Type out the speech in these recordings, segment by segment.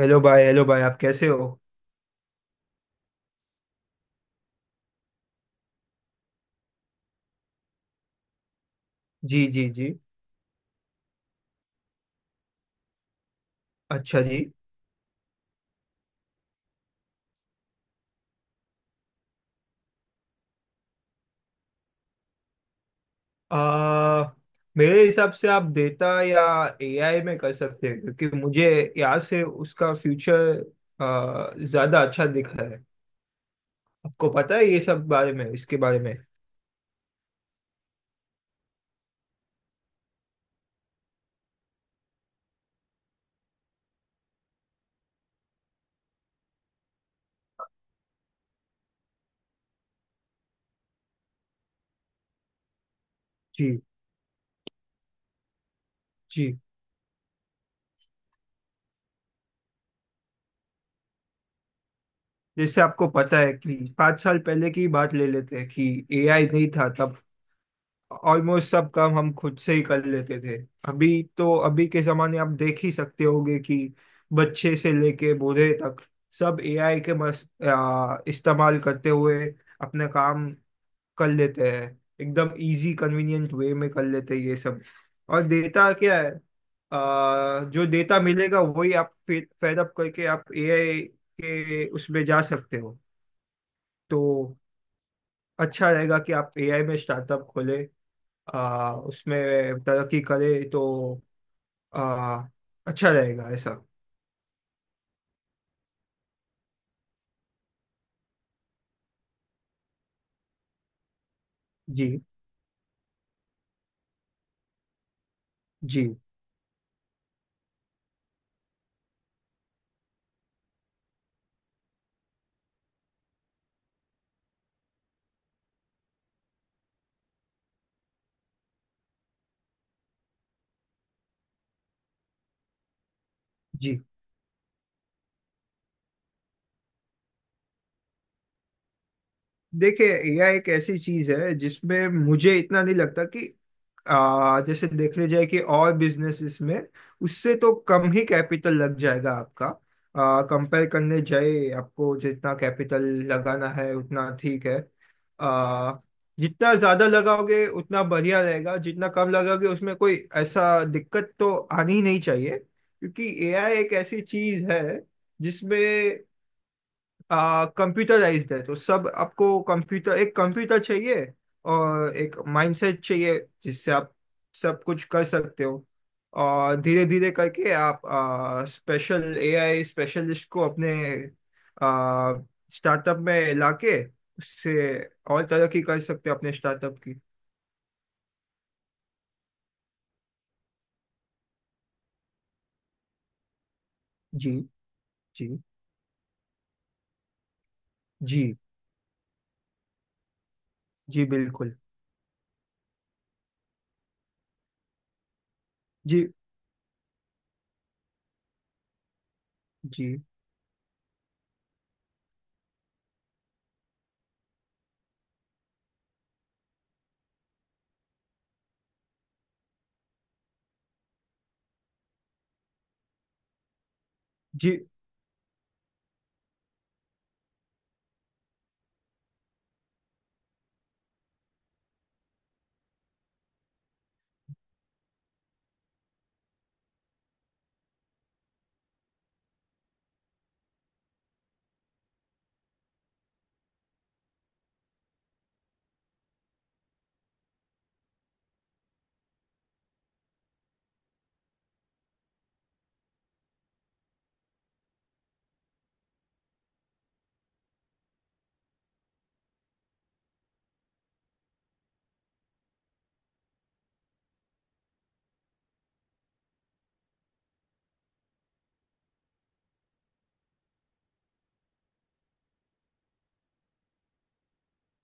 Hello भाई। Hello भाई, आप कैसे हो? जी जी जी। अच्छा जी। आ, मेरे हिसाब से आप डेटा या एआई में कर सकते हैं, क्योंकि मुझे यहाँ से उसका फ्यूचर ज़्यादा अच्छा दिख रहा है। आपको पता है ये सब बारे में, इसके बारे में? जी जी। जैसे आपको पता है कि पाँच साल पहले की बात ले लेते हैं कि एआई नहीं था तब, ऑलमोस्ट सब काम हम खुद से ही कर लेते थे। अभी तो अभी के जमाने आप देख ही सकते होंगे कि बच्चे से लेके बूढ़े तक सब एआई के मस इस्तेमाल करते हुए अपने काम कर लेते हैं। एकदम इजी कन्वीनियंट वे में कर लेते हैं ये सब। और डेटा क्या है? जो डेटा मिलेगा वही आप फेड अप करके आप एआई के उसमें जा सकते हो। तो अच्छा रहेगा कि आप एआई में स्टार्टअप खोले, उसमें तरक्की करे तो आ, अच्छा रहेगा ऐसा। जी जी जी। देखिए, एआई एक ऐसी चीज है जिसमें मुझे इतना नहीं लगता कि जैसे देखने जाए कि और बिजनेसेस में उससे तो कम ही कैपिटल लग जाएगा आपका। कंपेयर करने जाए आपको जितना कैपिटल लगाना है उतना ठीक है। आ, जितना ज्यादा लगाओगे उतना बढ़िया रहेगा, जितना कम लगाओगे उसमें कोई ऐसा दिक्कत तो आनी ही नहीं चाहिए, क्योंकि एआई एक ऐसी चीज है जिसमें कंप्यूटराइज्ड है तो सब। आपको कंप्यूटर, एक कंप्यूटर चाहिए और एक माइंडसेट चाहिए जिससे आप सब कुछ कर सकते हो। और धीरे धीरे करके आप स्पेशल एआई स्पेशलिस्ट को अपने स्टार्टअप में लाके उससे और तरक्की कर सकते हो अपने स्टार्टअप की। जी जी। जी जी बिल्कुल। जी जी। जी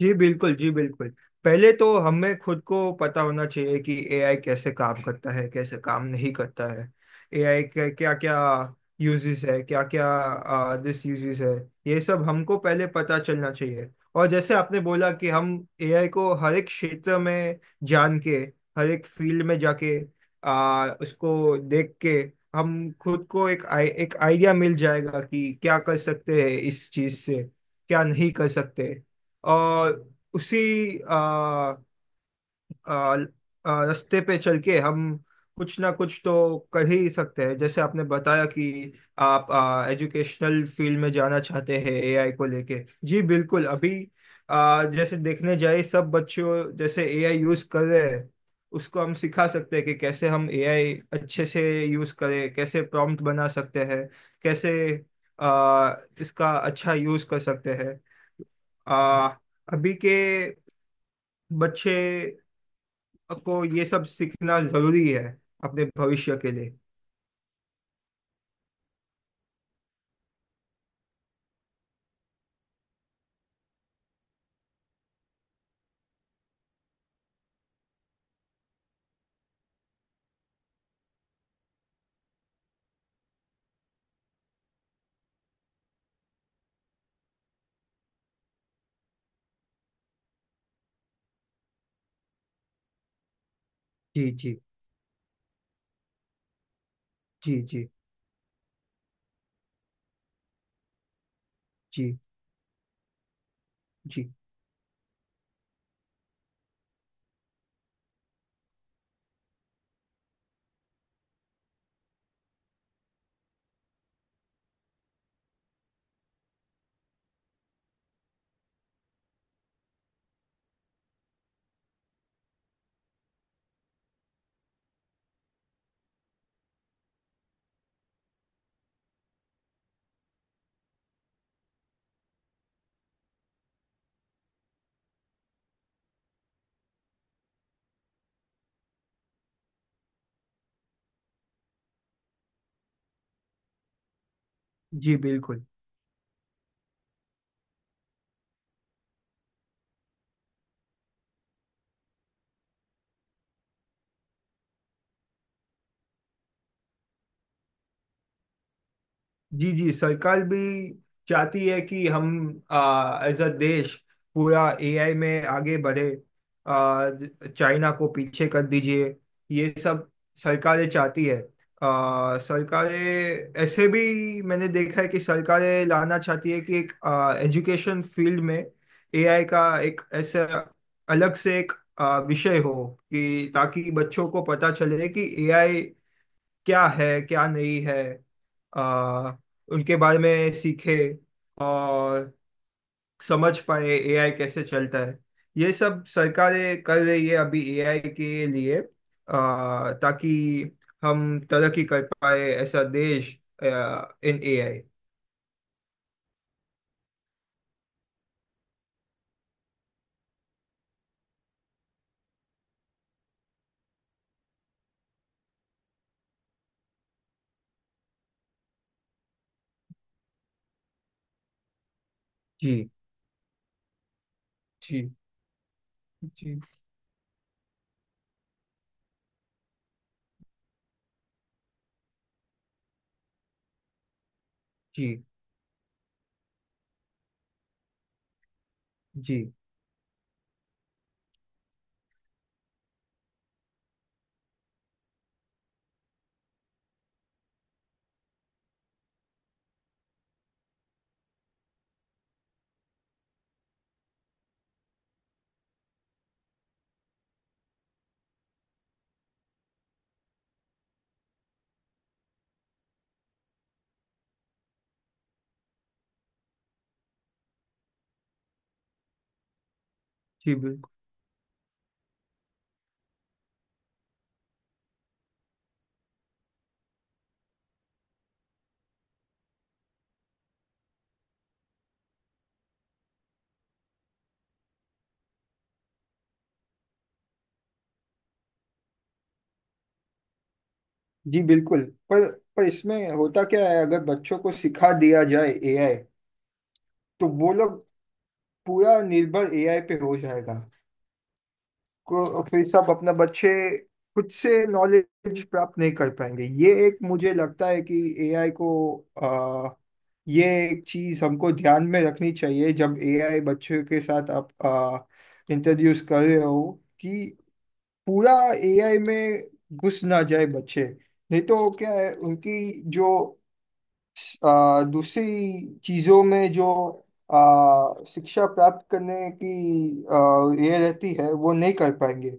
जी बिल्कुल। जी बिल्कुल। पहले तो हमें खुद को पता होना चाहिए कि एआई कैसे काम करता है, कैसे काम नहीं करता है। एआई के क्या क्या यूजेस है, क्या क्या दिस यूजेस है, ये सब हमको पहले पता चलना चाहिए। और जैसे आपने बोला कि हम एआई को हर एक क्षेत्र में जान के, हर एक फील्ड में जाके उसको देख के हम खुद को एक एक आइडिया मिल जाएगा कि क्या कर सकते हैं इस चीज से, क्या नहीं कर सकते। और उसी आ, आ, आ, रास्ते पे चल के हम कुछ ना कुछ तो कर ही सकते हैं। जैसे आपने बताया कि आप एजुकेशनल फील्ड में जाना चाहते हैं एआई को लेके। जी बिल्कुल। अभी जैसे देखने जाए सब बच्चों जैसे एआई यूज कर रहे हैं, उसको हम सिखा सकते हैं कि कैसे हम एआई अच्छे से यूज करें, कैसे प्रॉम्प्ट बना सकते हैं, कैसे आ, इसका अच्छा यूज कर सकते हैं। आ, अभी के बच्चे को ये सब सीखना जरूरी है अपने भविष्य के लिए। जी। जी जी। जी जी। जी जी बिल्कुल। जी जी। सरकार भी चाहती है कि हम एज अ देश पूरा एआई में आगे बढ़े। चाइना को पीछे कर दीजिए, ये सब सरकारें चाहती है। सरकारें ऐसे भी मैंने देखा है कि सरकारें लाना चाहती है कि एक एजुकेशन फील्ड में एआई का एक ऐसा अलग से एक विषय हो कि ताकि बच्चों को पता चले कि एआई क्या है, क्या नहीं है। आ, उनके बारे में सीखे और समझ पाए एआई कैसे चलता है। ये सब सरकारें कर रही है अभी एआई के लिए, ताकि हम तरक्की कर पाए ऐसा देश इन एआई। जी जी। जी जी। जी जी बिल्कुल। जी बिल्कुल। पर पर इसमें होता क्या है, अगर बच्चों को सिखा दिया जाए एआई तो वो लोग पूरा निर्भर एआई पे हो जाएगा। को फिर सब अपना बच्चे खुद से नॉलेज प्राप्त नहीं कर पाएंगे। ये एक मुझे लगता है कि एआई को आ, ये एक चीज हमको ध्यान में रखनी चाहिए जब एआई बच्चों के साथ आप इंट्रोड्यूस कर रहे हो, कि पूरा एआई में घुस ना जाए बच्चे। नहीं तो क्या है, उनकी जो दूसरी चीजों में जो शिक्षा प्राप्त करने की ये रहती है वो नहीं कर पाएंगे,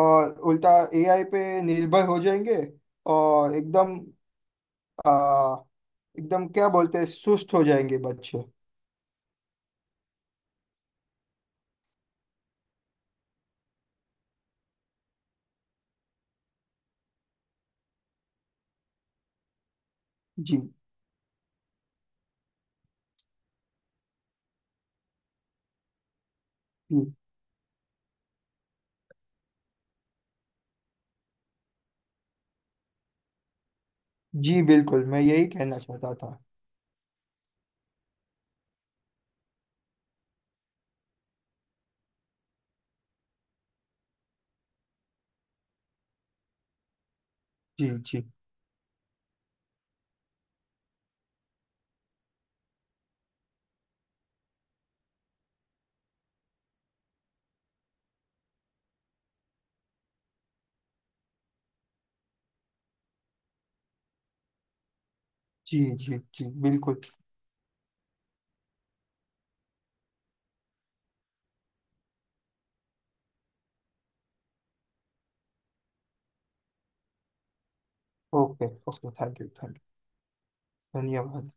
और उल्टा एआई पे निर्भर हो जाएंगे। और एकदम आ, एकदम क्या बोलते हैं, सुस्त हो जाएंगे बच्चे। जी जी। जी बिल्कुल, मैं यही कहना चाहता था। जी जी। जी जी जी बिल्कुल। Okay okay, thank you. Thank you. धन्यवाद।